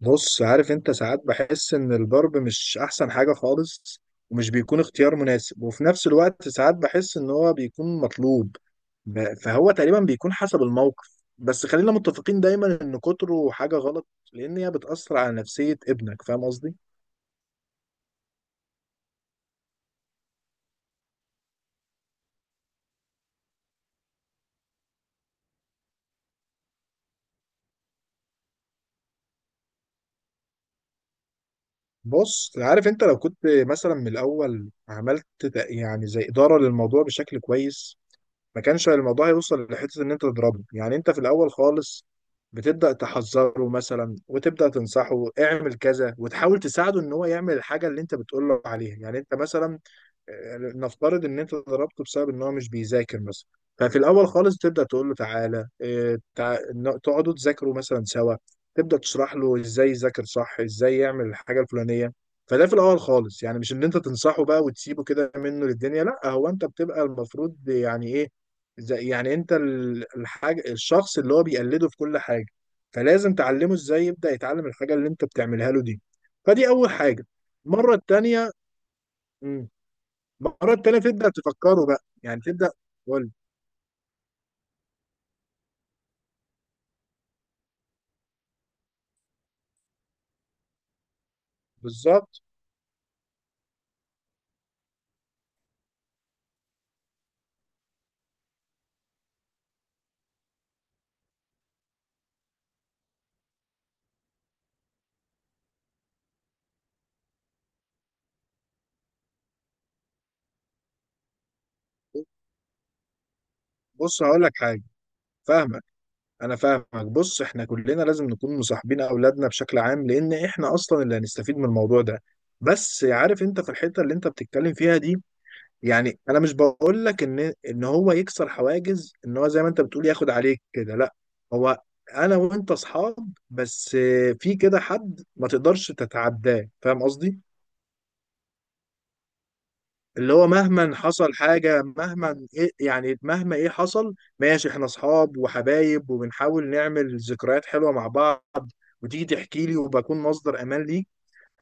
بص، عارف انت ساعات بحس ان الضرب مش احسن حاجة خالص، ومش بيكون اختيار مناسب، وفي نفس الوقت ساعات بحس ان هو بيكون مطلوب. فهو تقريبا بيكون حسب الموقف، بس خلينا متفقين دايما ان كتره حاجة غلط، لان هي بتأثر على نفسية ابنك. فاهم قصدي؟ بص، عارف انت لو كنت مثلا من الاول عملت يعني زي إدارة للموضوع بشكل كويس، ما كانش الموضوع هيوصل لحته ان انت تضربه. يعني انت في الاول خالص بتبدا تحذره مثلا، وتبدا تنصحه اعمل كذا، وتحاول تساعده ان هو يعمل الحاجه اللي انت بتقول له عليها. يعني انت مثلا، نفترض ان انت ضربته بسبب ان هو مش بيذاكر مثلا، ففي الاول خالص تبدا تقول له تعالى، تقعدوا تذاكروا مثلا سوا، تبدا تشرح له ازاي يذاكر صح، ازاي يعمل الحاجه الفلانيه. فده في الاول خالص، يعني مش ان انت تنصحه بقى وتسيبه كده منه للدنيا، لا، هو انت بتبقى المفروض يعني ايه، زي يعني انت الحاجة، الشخص اللي هو بيقلده في كل حاجة، فلازم تعلمه ازاي يبدأ يتعلم الحاجة اللي انت بتعملها له دي. فدي اول حاجة. المرة التانية، مم. المرة التانية تبدأ تفكره بقى، يعني تبدأ تقول، بالظبط. بص، هقول لك حاجة. فاهمك. انا فاهمك. بص، احنا كلنا لازم نكون مصاحبين اولادنا بشكل عام، لان احنا اصلا اللي هنستفيد من الموضوع ده. بس عارف انت في الحتة اللي انت بتتكلم فيها دي، يعني انا مش بقول لك ان هو يكسر حواجز، ان هو زي ما انت بتقول ياخد عليك كده. لا، هو انا وانت اصحاب، بس في كده حد ما تقدرش تتعداه. فاهم قصدي؟ اللي هو مهما حصل حاجة، مهما إيه يعني، مهما ايه حصل، ماشي، احنا اصحاب وحبايب وبنحاول نعمل ذكريات حلوة مع بعض، وتيجي تحكي لي وبكون مصدر امان ليك.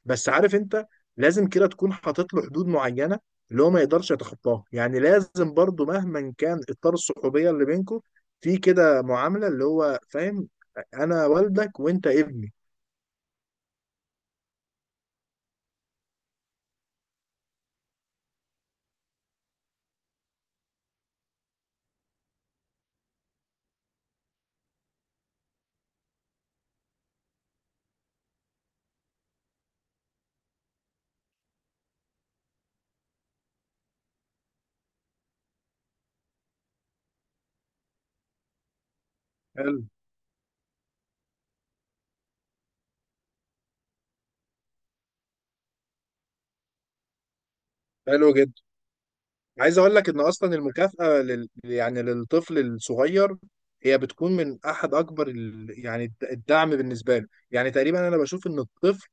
بس عارف انت، لازم كده تكون حاطط له حدود معينه اللي هو ما يقدرش يتخطاها. يعني لازم برضو مهما كان اطار الصحوبيه اللي بينكم، في كده معامله اللي هو فاهم انا والدك وانت ابني. حلو. حلو جدا. عايز اقول لك ان اصلا المكافاه يعني للطفل الصغير هي بتكون من احد اكبر يعني الدعم بالنسبه له. يعني تقريبا انا بشوف ان الطفل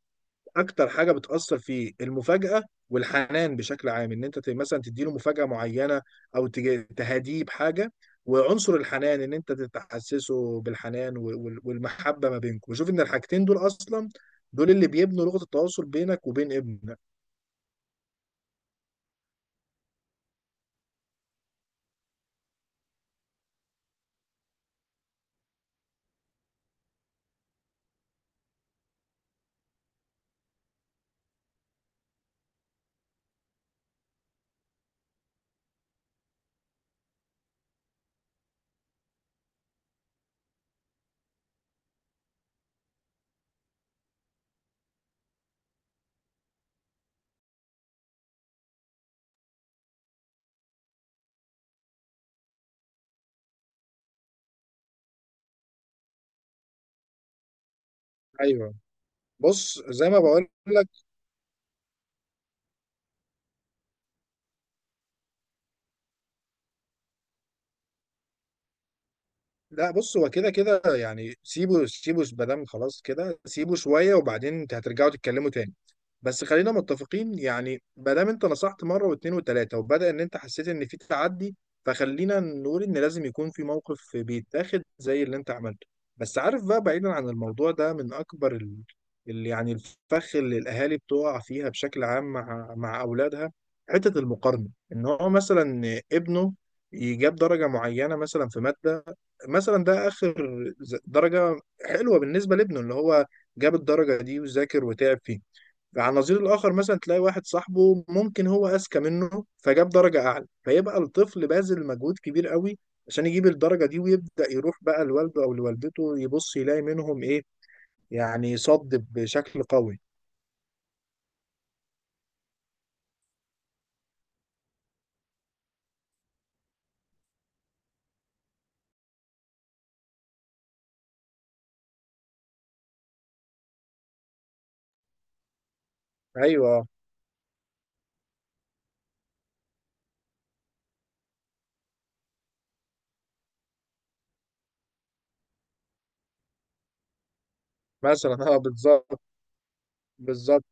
اكتر حاجه بتاثر فيه المفاجاه والحنان بشكل عام، ان انت مثلا تديله مفاجاه معينه، او تهديه بحاجه، وعنصر الحنان ان انت تحسسه بالحنان والمحبه ما بينكم. وشوف ان الحاجتين دول اصلا، دول اللي بيبنوا لغه التواصل بينك وبين ابنك. ايوه. بص زي ما بقول، لا بص، هو كده كده يعني، سيبه، سيبه مادام خلاص كده، سيبه شويه وبعدين انت هترجعوا تتكلموا تاني. بس خلينا متفقين، يعني ما دام انت نصحت مره واثنين وثلاثه وبدا ان انت حسيت ان في تعدي، فخلينا نقول ان لازم يكون في موقف بيتاخد زي اللي انت عملته. بس عارف بقى، بعيدا عن الموضوع ده، من اكبر يعني الفخ اللي الاهالي بتقع فيها بشكل عام مع اولادها، حته المقارنه، ان هو مثلا ابنه يجاب درجه معينه مثلا في ماده، مثلا ده اخر درجه حلوه بالنسبه لابنه، اللي هو جاب الدرجه دي وذاكر وتعب فيه. على النظير الاخر مثلا تلاقي واحد صاحبه ممكن هو اذكى منه فجاب درجه اعلى، فيبقى الطفل باذل مجهود كبير قوي عشان يجيب الدرجه دي، ويبدا يروح بقى لوالده او لوالدته يبص يلاقي منهم ايه، يعني صد بشكل قوي. ايوه مثلا، اه بالظبط. بالظبط،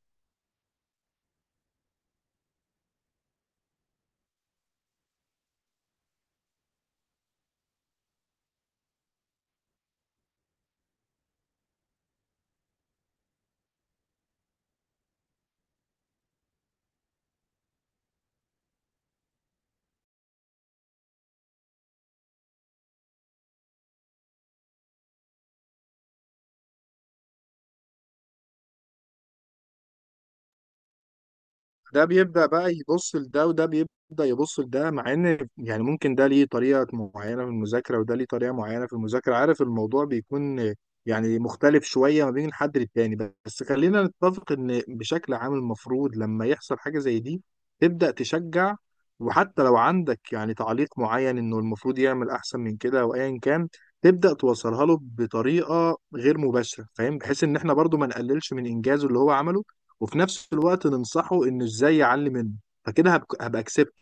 ده بيبدأ بقى يبص لده وده بيبدأ يبص لده، مع ان يعني ممكن ده ليه طريقة معينة في المذاكرة وده ليه طريقة معينة في المذاكرة. عارف الموضوع بيكون يعني مختلف شوية ما بين الحد للتاني. بس خلينا نتفق ان بشكل عام المفروض لما يحصل حاجة زي دي تبدأ تشجع، وحتى لو عندك يعني تعليق معين انه المفروض يعمل احسن من كده او ايا كان، تبدأ توصلها له بطريقة غير مباشرة. فاهم؟ بحيث ان احنا برضو ما نقللش من انجازه اللي هو عمله، وفي نفس الوقت ننصحه انه ازاي يعلي منه. فكده هبقى اكسبت،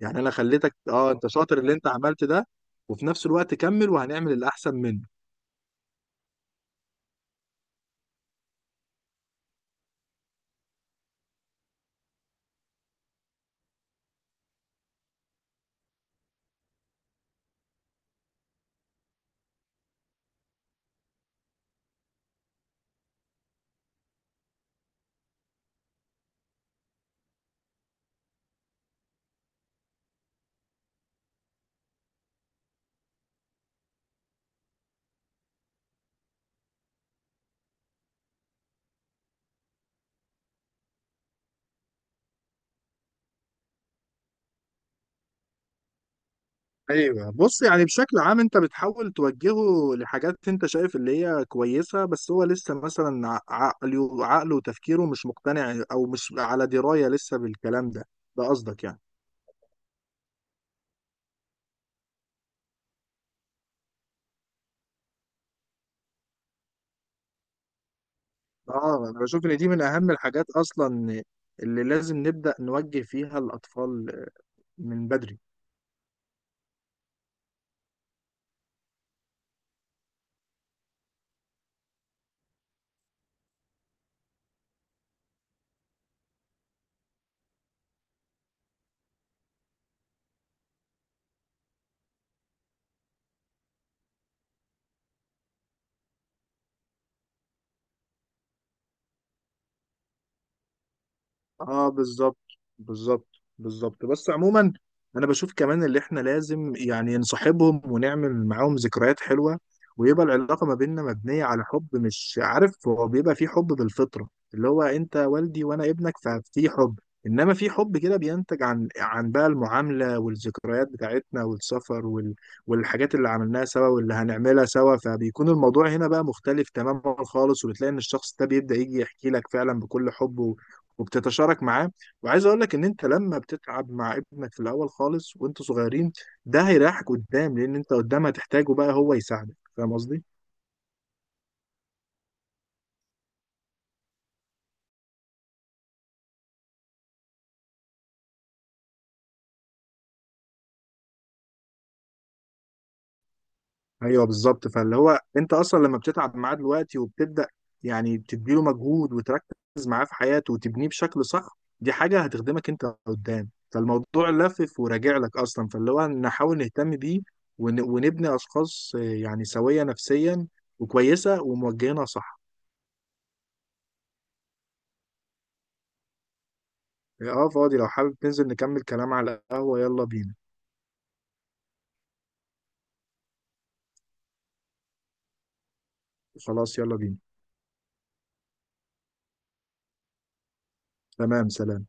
يعني انا خليتك اه انت شاطر اللي انت عملت ده، وفي نفس الوقت كمل وهنعمل الاحسن منه. ايوه. بص يعني بشكل عام انت بتحاول توجهه لحاجات انت شايف اللي هي كويسه، بس هو لسه مثلا عقله وتفكيره مش مقتنع او مش على درايه لسه بالكلام ده. ده قصدك يعني؟ اه، انا بشوف ان دي من اهم الحاجات اصلا اللي لازم نبدا نوجه فيها الاطفال من بدري. اه بالظبط. بالظبط. بالظبط. بس عموما انا بشوف كمان، اللي احنا لازم يعني نصاحبهم ونعمل معاهم ذكريات حلوة، ويبقى العلاقة ما بيننا مبنية على حب. مش عارف، هو بيبقى في حب بالفطرة، اللي هو انت والدي وانا ابنك، ففي حب. انما في حب كده بينتج عن بقى المعاملة والذكريات بتاعتنا والسفر والحاجات اللي عملناها سوا واللي هنعملها سوا، فبيكون الموضوع هنا بقى مختلف تماما خالص. وبتلاقي ان الشخص ده بيبدأ يجي يحكي لك فعلا بكل حب، وبتتشارك معاه. وعايز اقول لك ان انت لما بتتعب مع ابنك في الاول خالص وانتوا صغيرين، ده هيريحك قدام، لان انت قدام هتحتاجه بقى هو يساعدك. فاهم قصدي؟ ايوه بالظبط. فاللي هو انت اصلا لما بتتعب معاه دلوقتي وبتبدا يعني بتديله مجهود وتركز معاه في حياته وتبنيه بشكل صح، دي حاجه هتخدمك انت قدام. فالموضوع لافف وراجع لك اصلا. فاللي هو نحاول نهتم بيه ونبني اشخاص، يعني سويه نفسيا وكويسه وموجهينها صح. اه فاضي، لو حابب ننزل نكمل كلام على القهوة يلا بينا. خلاص يلا بينا. تمام، سلام.